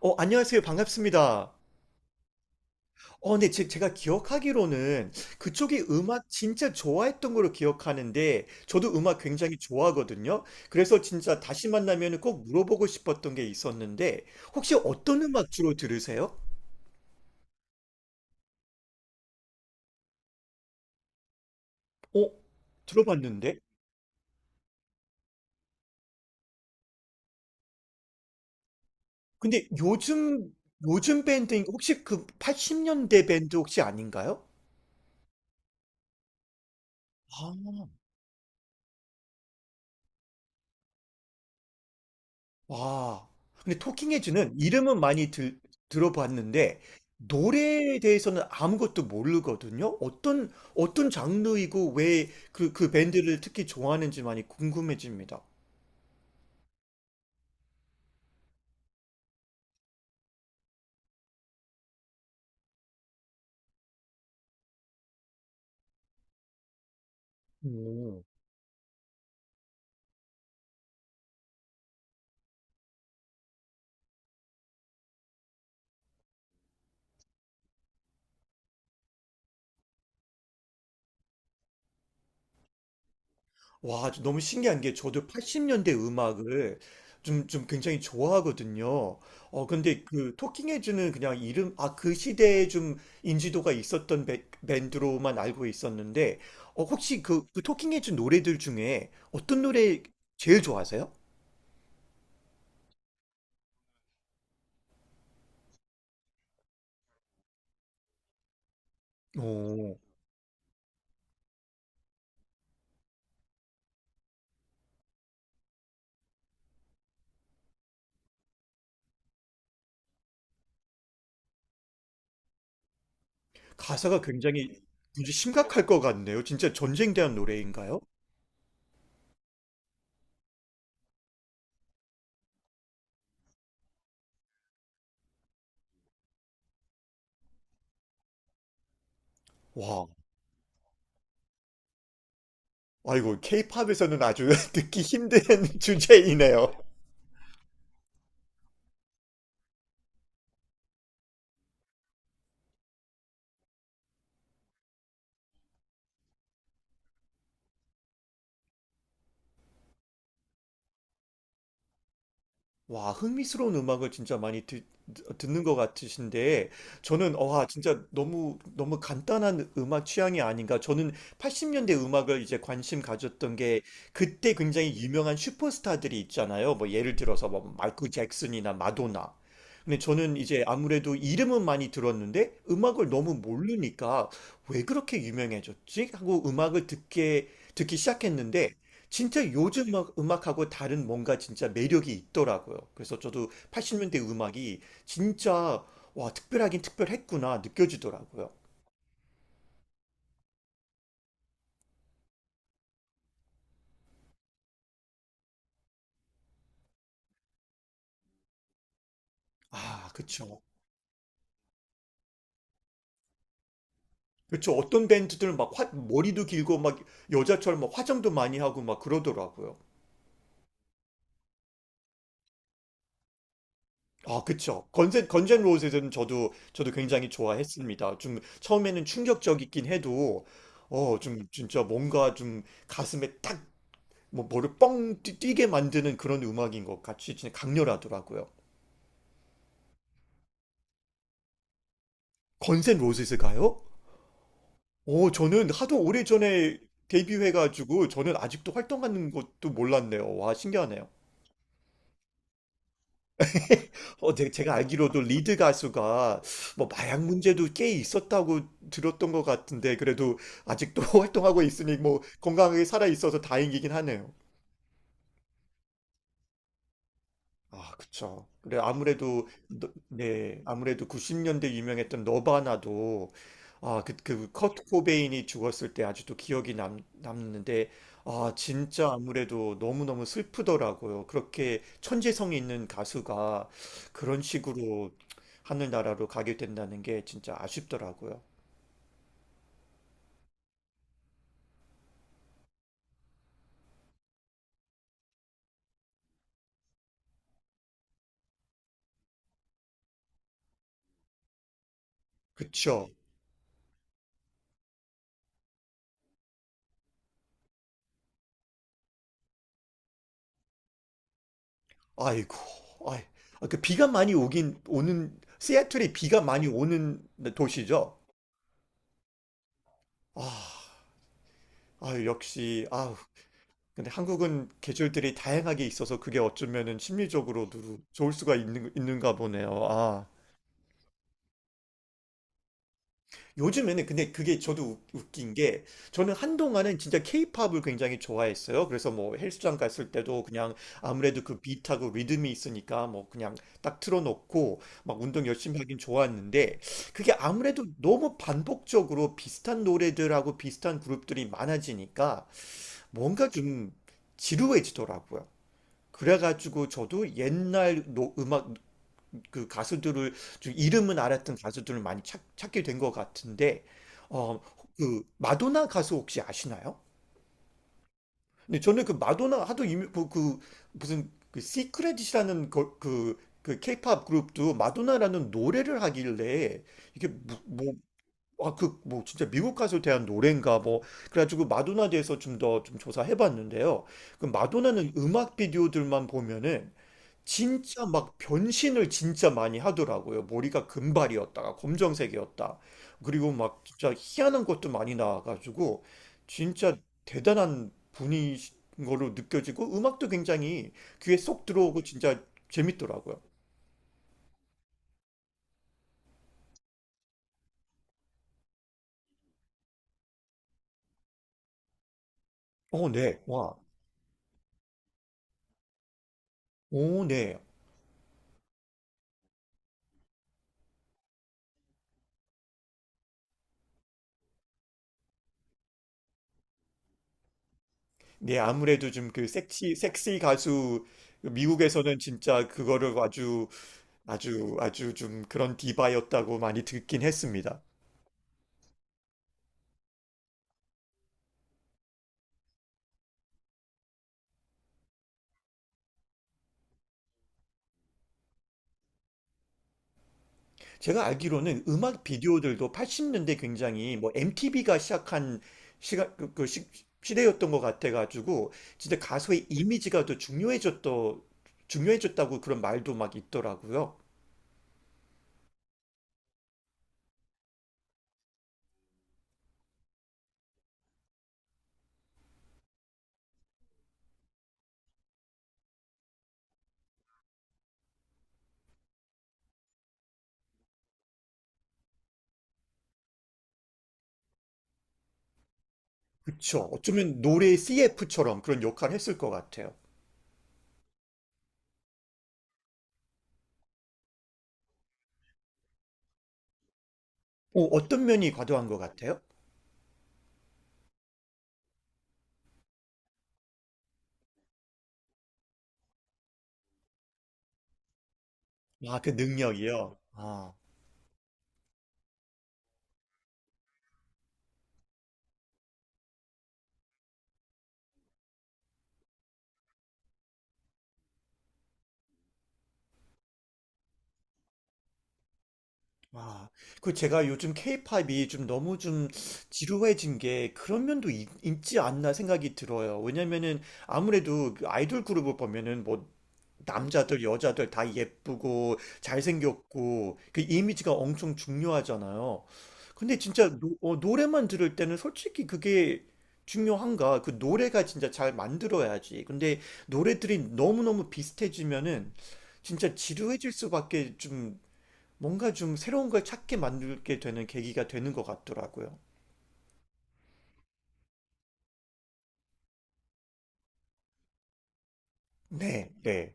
안녕하세요. 반갑습니다. 네. 제가 기억하기로는 그쪽이 음악 진짜 좋아했던 걸로 기억하는데, 저도 음악 굉장히 좋아하거든요. 그래서 진짜 다시 만나면 꼭 물어보고 싶었던 게 있었는데, 혹시 어떤 음악 주로 들으세요? 어, 들어봤는데? 근데 요즘 밴드인, 혹시 그 80년대 밴드 혹시 아닌가요? 와. 근데 토킹 헤즈는 이름은 많이 들어봤는데 노래에 대해서는 아무것도 모르거든요. 어떤 장르이고 왜 그 밴드를 특히 좋아하는지 많이 궁금해집니다. 와, 저 너무 신기한 게 저도 80년대 음악을 좀 굉장히 좋아하거든요. 근데 그 토킹 헤즈는 그냥 이름, 아, 그 시대에 좀 인지도가 있었던 밴드로만 알고 있었는데, 혹시 그 토킹 헤즈 노래들 중에 어떤 노래 제일 좋아하세요? 오, 가사가 굉장히 굉장히 심각할 것 같네요. 진짜 전쟁 대한 노래인가요? 와, 아이고, 케이팝에서는 아주 듣기 힘든 주제이네요. 와, 흥미스러운 음악을 진짜 많이 듣는 것 같으신데, 저는, 와, 진짜 너무, 너무 간단한 음악 취향이 아닌가. 저는 80년대 음악을 이제 관심 가졌던 게, 그때 굉장히 유명한 슈퍼스타들이 있잖아요. 뭐, 예를 들어서 뭐, 마이클 잭슨이나 마도나. 근데 저는 이제 아무래도 이름은 많이 들었는데, 음악을 너무 모르니까, 왜 그렇게 유명해졌지? 하고 음악을 듣기 시작했는데, 진짜 요즘 막 음악하고 다른 뭔가 진짜 매력이 있더라고요. 그래서 저도 80년대 음악이 진짜 와, 특별하긴 특별했구나 느껴지더라고요. 아, 그쵸. 그쵸. 어떤 밴드들은 막 머리도 길고 막 여자처럼 막 화장도 많이 하고 막 그러더라고요. 아, 그쵸. 건센 로제들은 저도 굉장히 좋아했습니다. 좀 처음에는 충격적이긴 해도, 좀 진짜 뭔가 좀 가슴에 딱 뭐 머리를 뻥 게 만드는 그런 음악인 것 같이 진짜 강렬하더라고요. 건센 로지스가요? 오, 저는 하도 오래전에 데뷔해가지고 저는 아직도 활동하는 것도 몰랐네요. 와, 신기하네요. 제가 알기로도 리드 가수가 뭐 마약 문제도 꽤 있었다고 들었던 것 같은데 그래도 아직도 활동하고 있으니 뭐 건강하게 살아 있어서 다행이긴 하네요. 아, 그쵸. 그래, 아무래도, 네, 아무래도 90년대 유명했던 너바나도, 아, 커트 코베인이 죽었을 때 아직도 기억이 남는데, 아, 진짜 아무래도 너무너무 슬프더라고요. 그렇게 천재성이 있는 가수가 그런 식으로 하늘나라로 가게 된다는 게 진짜 아쉽더라고요. 그쵸. 아이고, 아이, 아, 그 비가 많이 오는, 시애틀이 비가 많이 오는 도시죠? 아. 아, 역시, 아, 근데 한국은 계절들이 다양하게 있어서 그게 어쩌면은 심리적으로도 좋을 수가 있는가 보네요. 아, 요즘에는 근데 그게 저도 웃긴 게 저는 한동안은 진짜 케이팝을 굉장히 좋아했어요. 그래서 뭐 헬스장 갔을 때도 그냥 아무래도 그 비트하고 리듬이 있으니까 뭐 그냥 딱 틀어놓고 막 운동 열심히 하긴 좋았는데 그게 아무래도 너무 반복적으로 비슷한 노래들하고 비슷한 그룹들이 많아지니까 뭔가 좀 지루해지더라고요. 그래가지고 저도 옛날 음악 그 가수들을 좀 이름은 알았던 가수들을 많이 게 된 것 같은데 어, 그 마도나 가수 혹시 아시나요? 근데 저는 그 마도나 하도 이미 그 무슨 그 시크릿이라는 그, 그 케이팝 그룹도 마도나라는 노래를 하길래 이게 뭐 아, 그, 뭐, 진짜 미국 가수에 대한 노래인가, 뭐. 그래가지고 마도나 대해서 좀 더 좀 조사해봤는데요. 그 마도나는 음악 비디오들만 보면은 진짜 막 변신을 진짜 많이 하더라고요. 머리가 금발이었다가 검정색이었다. 그리고 막 진짜 희한한 것도 많이 나와가지고 진짜 대단한 분인 걸로 느껴지고 음악도 굉장히 귀에 쏙 들어오고 진짜 재밌더라고요. 어, 네. 와. 오, 네. 네, 아무래도 좀 그 섹시 가수 미국에서는 진짜 그거를 아주 아주 아주 좀 그런 디바였다고 많이 듣긴 했습니다. 제가 알기로는 음악 비디오들도 80년대 굉장히 뭐 MTV가 시작한 시가 그, 그 시, 시대였던 것 같아가지고 진짜 가수의 이미지가 더 중요해졌더 중요해졌다고 그런 말도 막 있더라고요. 그쵸? 어쩌면 노래의 CF처럼 그런 역할을 했을 것 같아요. 어떤 면이 과도한 것 같아요? 아, 그 능력이요. 아, 아, 그 제가 요즘 케이팝이 좀 너무 좀 지루해진 게 그런 면도 지 않나 생각이 들어요. 왜냐면은 아무래도 그 아이돌 그룹을 보면은 뭐 남자들, 여자들 다 예쁘고 잘생겼고 그 이미지가 엄청 중요하잖아요. 근데 진짜 노래만 들을 때는 솔직히 그게 중요한가? 그 노래가 진짜 잘 만들어야지. 근데 노래들이 너무너무 비슷해지면은 진짜 지루해질 수밖에 좀 뭔가 좀 새로운 걸 찾게 만들게 되는 계기가 되는 것 같더라고요. 네, 네.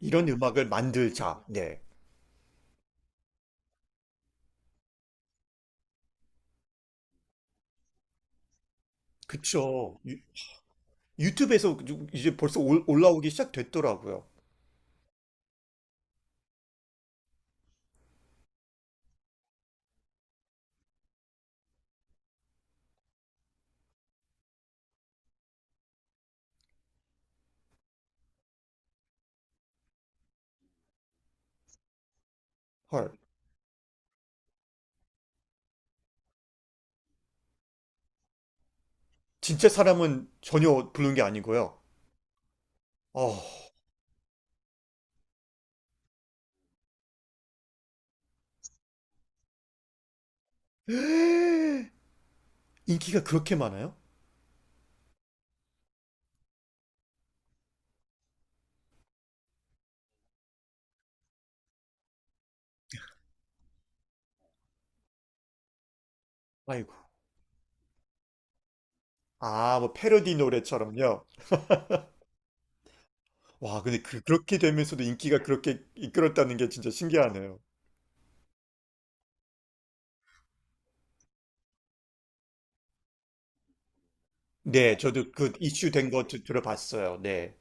이런 음악을 만들자. 네. 그쵸. 유튜브에서 이제 벌써 올라오기 시작됐더라고요. 헐. 진짜 사람은 전혀 부른 게 아니고요. 어. 인기가 그렇게 많아요? 아이고. 아, 뭐 패러디 노래처럼요. 와, 근데 그렇게 되면서도 인기가 그렇게 이끌었다는 게 진짜 신기하네요. 네, 저도 그 이슈 된 거 들어봤어요. 네.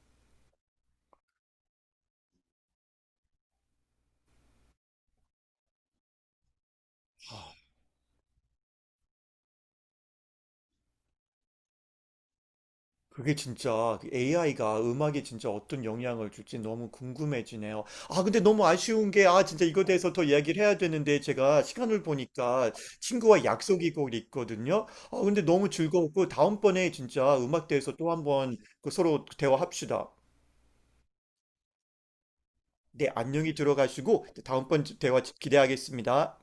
그게 진짜 AI가 음악에 진짜 어떤 영향을 줄지 너무 궁금해지네요. 아, 근데 너무 아쉬운 게, 아, 진짜 이거에 대해서 더 이야기를 해야 되는데, 제가 시간을 보니까 친구와 약속이 곧 있거든요. 아, 근데 너무 즐거웠고, 다음번에 진짜 음악 대해서 또 한번 그 서로 대화합시다. 네, 안녕히 들어가시고, 다음번 대화 기대하겠습니다.